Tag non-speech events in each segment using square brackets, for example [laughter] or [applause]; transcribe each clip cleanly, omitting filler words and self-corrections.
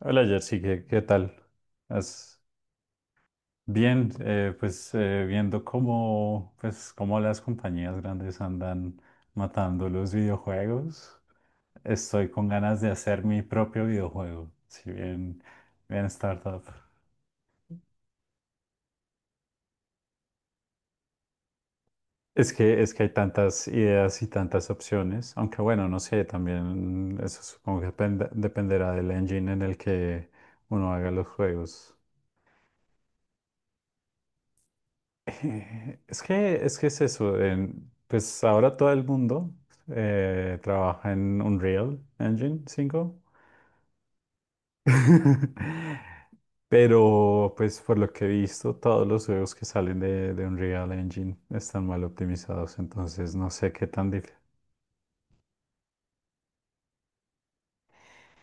Hola Jersey, ¿qué tal? ¿Has- Bien, pues viendo cómo, pues, cómo las compañías grandes andan matando los videojuegos, estoy con ganas de hacer mi propio videojuego, si bien, bien startup. Es que hay tantas ideas y tantas opciones, aunque bueno, no sé, también eso supongo que dependerá del engine en el que uno haga los juegos. Es que, es que es eso. Pues ahora todo el mundo trabaja en Unreal Engine 5. [laughs] Pero pues por lo que he visto, todos los juegos que salen de Unreal Engine están mal optimizados. Entonces no sé qué tan difícil,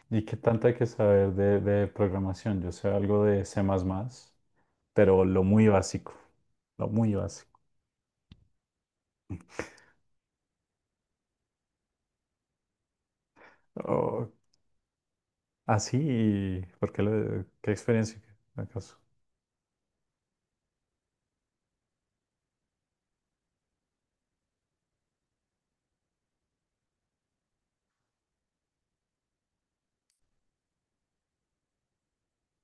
y qué tanto hay que saber de programación. Yo sé algo de C++, pero lo muy básico. Lo muy básico. Oh, así, ¿ qué experiencia acaso?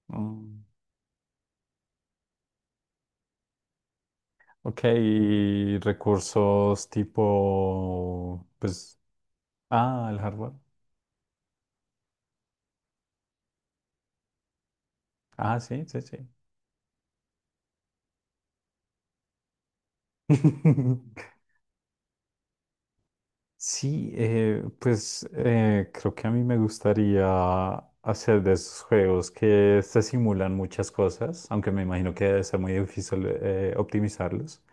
Mm. Ok, y recursos tipo, pues, ah, el hardware. Ah, sí, sí, sí. [laughs] Sí, pues creo que a mí me gustaría hacer de esos juegos que se simulan muchas cosas, aunque me imagino que debe ser muy difícil optimizarlos.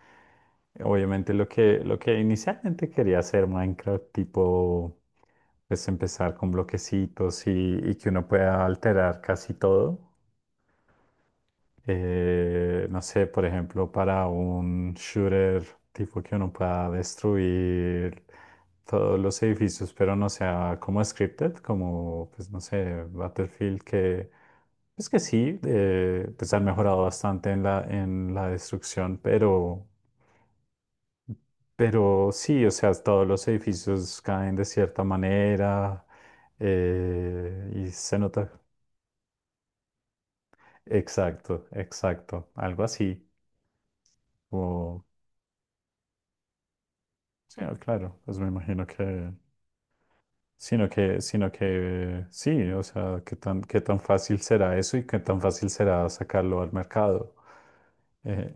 Obviamente lo que inicialmente quería hacer Minecraft, tipo, pues empezar con bloquecitos y que uno pueda alterar casi todo. No sé, por ejemplo, para un shooter tipo que uno pueda destruir todos los edificios, pero no sea como scripted, como, pues no sé, Battlefield, que es que sí, pues han mejorado bastante en en la destrucción, pero sí, o sea, todos los edificios caen de cierta manera y se nota. Exacto, exacto, algo así. Sí, ah, claro, pues me imagino que, sino que sí, o sea, qué tan fácil será eso y qué tan fácil será sacarlo al mercado. eh,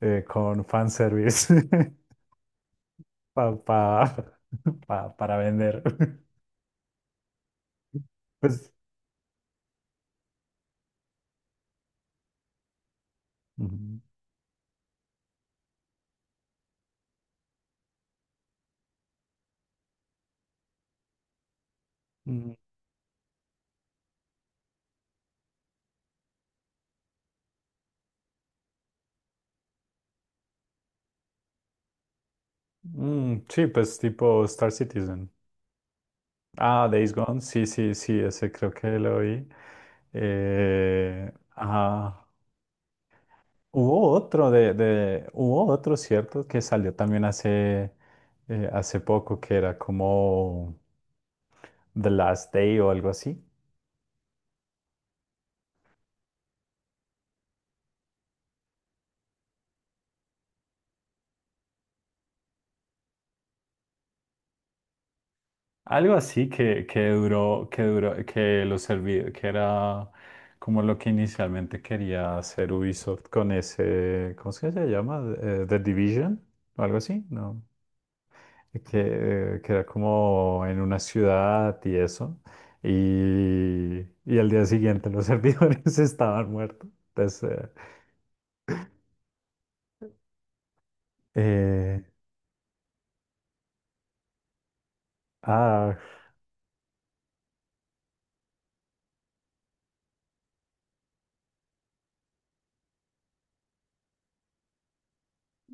eh, con fanservice. [laughs] pa- pa- [laughs] para vender. [laughs] Pues, ujú. Mm, mm, sí, pues tipo Star Citizen. Ah, Days Gone, sí, sí, sí, ese creo que lo vi. Ajá. Hubo otro hubo otro, ¿cierto? Que salió también hace, hace poco, que era como The Last Day o algo así. Algo así que, que duró, que lo serví, que era como lo que inicialmente quería hacer Ubisoft con ese, ¿cómo es que se llama? The Division o algo así, ¿no? Que era como en una ciudad y eso. Y al día siguiente los servidores [laughs] estaban muertos. Entonces, eh, eh, ah,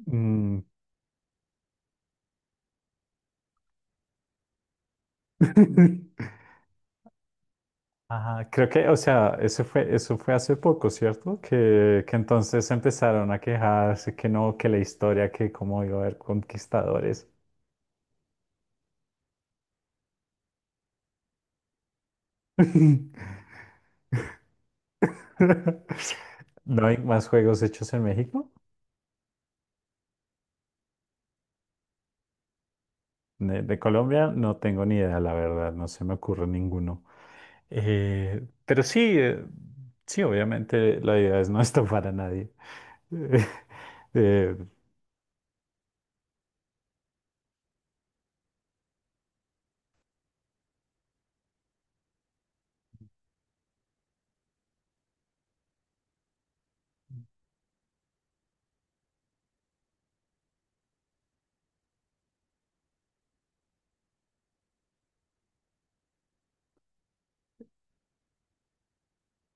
mm, [laughs] ajá, creo que, o sea, eso fue hace poco, ¿cierto? Que entonces empezaron a quejarse que no, que la historia, que cómo iba a haber conquistadores. [laughs] ¿No hay más juegos hechos en México? De Colombia no tengo ni idea, la verdad, no se me ocurre ninguno. Pero sí, sí, obviamente la idea es no [laughs] estafar a nadie. Eh, [laughs] eh,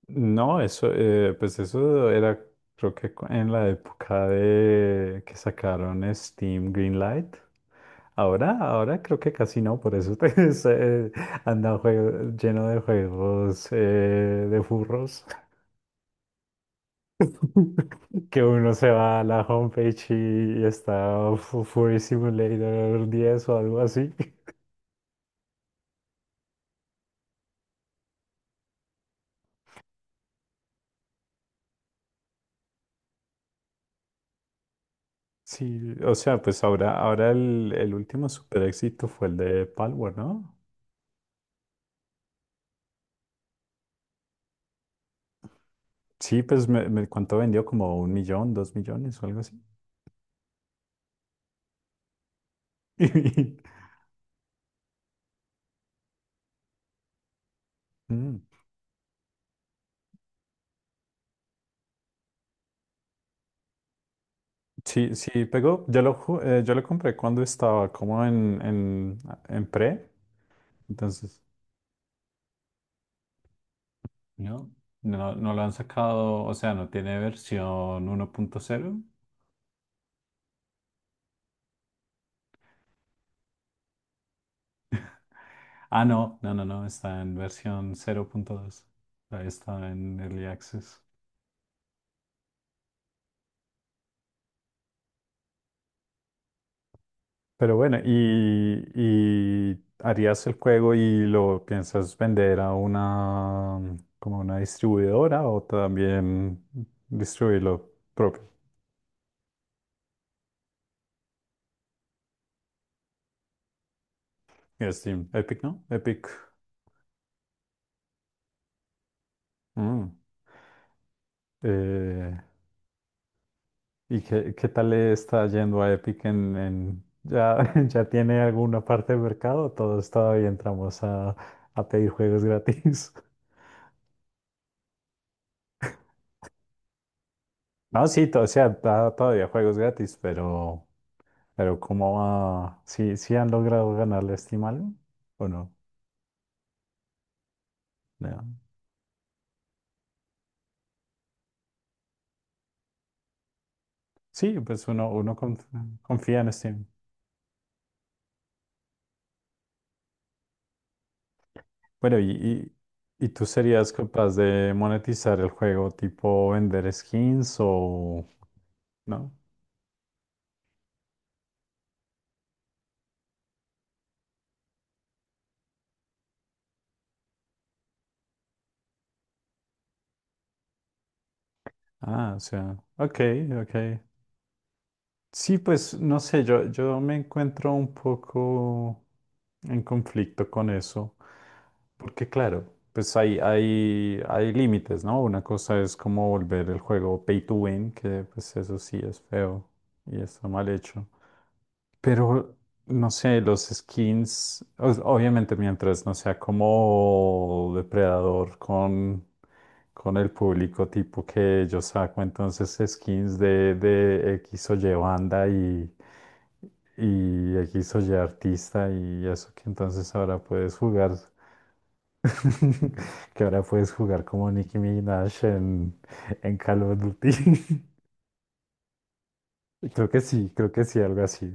no, eso, pues eso era, creo que en la época de que sacaron Steam Greenlight. Ahora, ahora creo que casi no, por eso te [laughs] anda lleno de juegos de furros. [laughs] Que uno se va a la homepage y está Fury Simulator 10 o algo así. [laughs] Sí, o sea, pues ahora, ahora el último super éxito fue el de Palworld, ¿no? Sí, pues ¿cuánto vendió? Como un millón, dos millones o algo así. [laughs] Mm, sí, sí, pegó. Yo lo compré cuando estaba como en pre, entonces no, no lo han sacado, o sea, no tiene versión 1.0. Ah, no, está en versión 0.2. Ahí está en Early Access. Pero bueno, ¿ y harías el juego y lo piensas vender a una, como una distribuidora o también distribuirlo propio? En Steam, Epic, ¿no? Epic. Mm. Eh, ¿ qué tal le está yendo a Epic en, ya, [laughs] ya tiene alguna parte del mercado? Todos todavía entramos a pedir juegos gratis. No, sí, o sea, da todavía juegos gratis, pero ¿cómo va? ¿Sí, sí han logrado ganarle a Steam algo? ¿O no? No. Sí, pues confía en Steam. Bueno, ¿y tú serías capaz de monetizar el juego tipo vender skins o no? Ah, o sea, ok, ok. Sí, pues no sé, yo me encuentro un poco en conflicto con eso, porque claro, pues hay límites, ¿no? Una cosa es como volver el juego pay to win, que pues eso sí es feo y está mal hecho. Pero, no sé, los skins, obviamente mientras no sea como depredador con el público tipo que yo saco, entonces skins de X o Y banda y X o Y artista y eso que entonces ahora puedes jugar, [laughs] que ahora puedes jugar como Nicki Minaj en Call of Duty. [laughs] Creo que sí, algo así.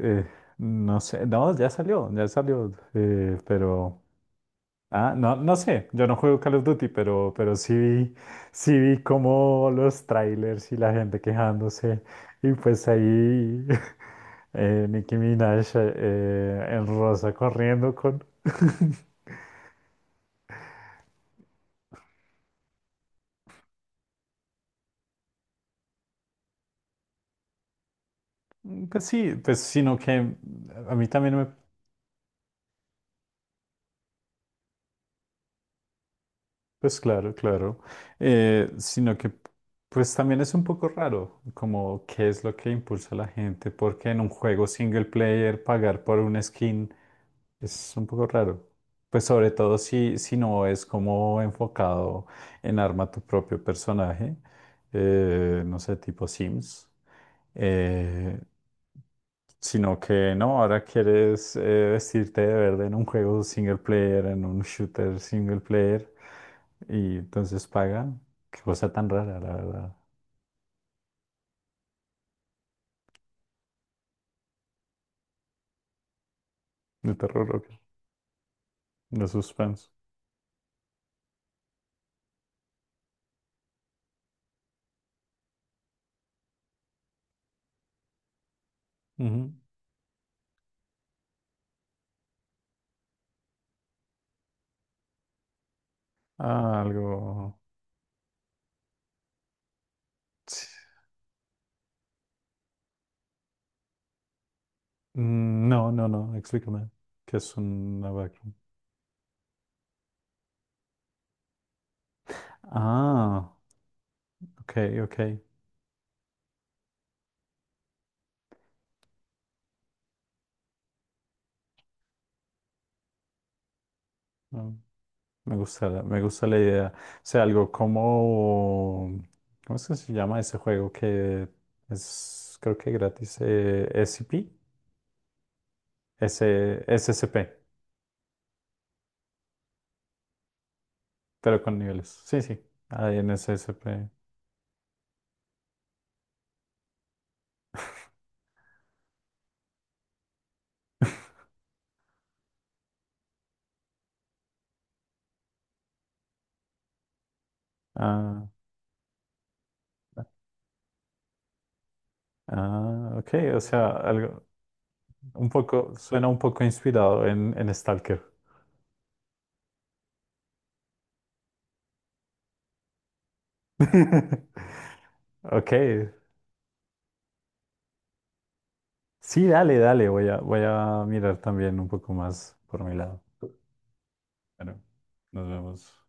Eh, no sé, no, ya salió, pero... Ah, no, no sé, yo no juego Call of Duty, pero sí vi como los trailers y la gente quejándose. Y pues ahí [laughs] Nicki Minaj en rosa corriendo con... [laughs] Pues sí, pues sino que a mí también me, pues claro, claro. Sino que pues también es un poco raro como qué es lo que impulsa a la gente, porque en un juego single player pagar por un skin es un poco raro. Pues sobre todo si, si no es como enfocado en arma tu propio personaje, no sé, tipo Sims, eh, sino que no, ahora quieres vestirte de verde en un juego single player, en un shooter single player. Y entonces pagan. Qué cosa tan rara, la verdad. De terror, ok. De suspenso. Ujú. Ah, algo. Sí. Mm, no, no, no. Explícame. ¿Qué es una backroom? Ah, ok, ok. Mm, me gusta, me gusta la idea. O sea, algo como. ¿Cómo es que se llama ese juego que es, creo que gratis? SCP SCP, pero con niveles. Sí, sí. Ahí en S SCP. [laughs] Ah. Ah, ok, o sea, algo un poco, suena un poco inspirado en Stalker. [laughs] Ok, sí, dale, dale, voy a mirar también un poco más por mi lado. Bueno, nos vemos.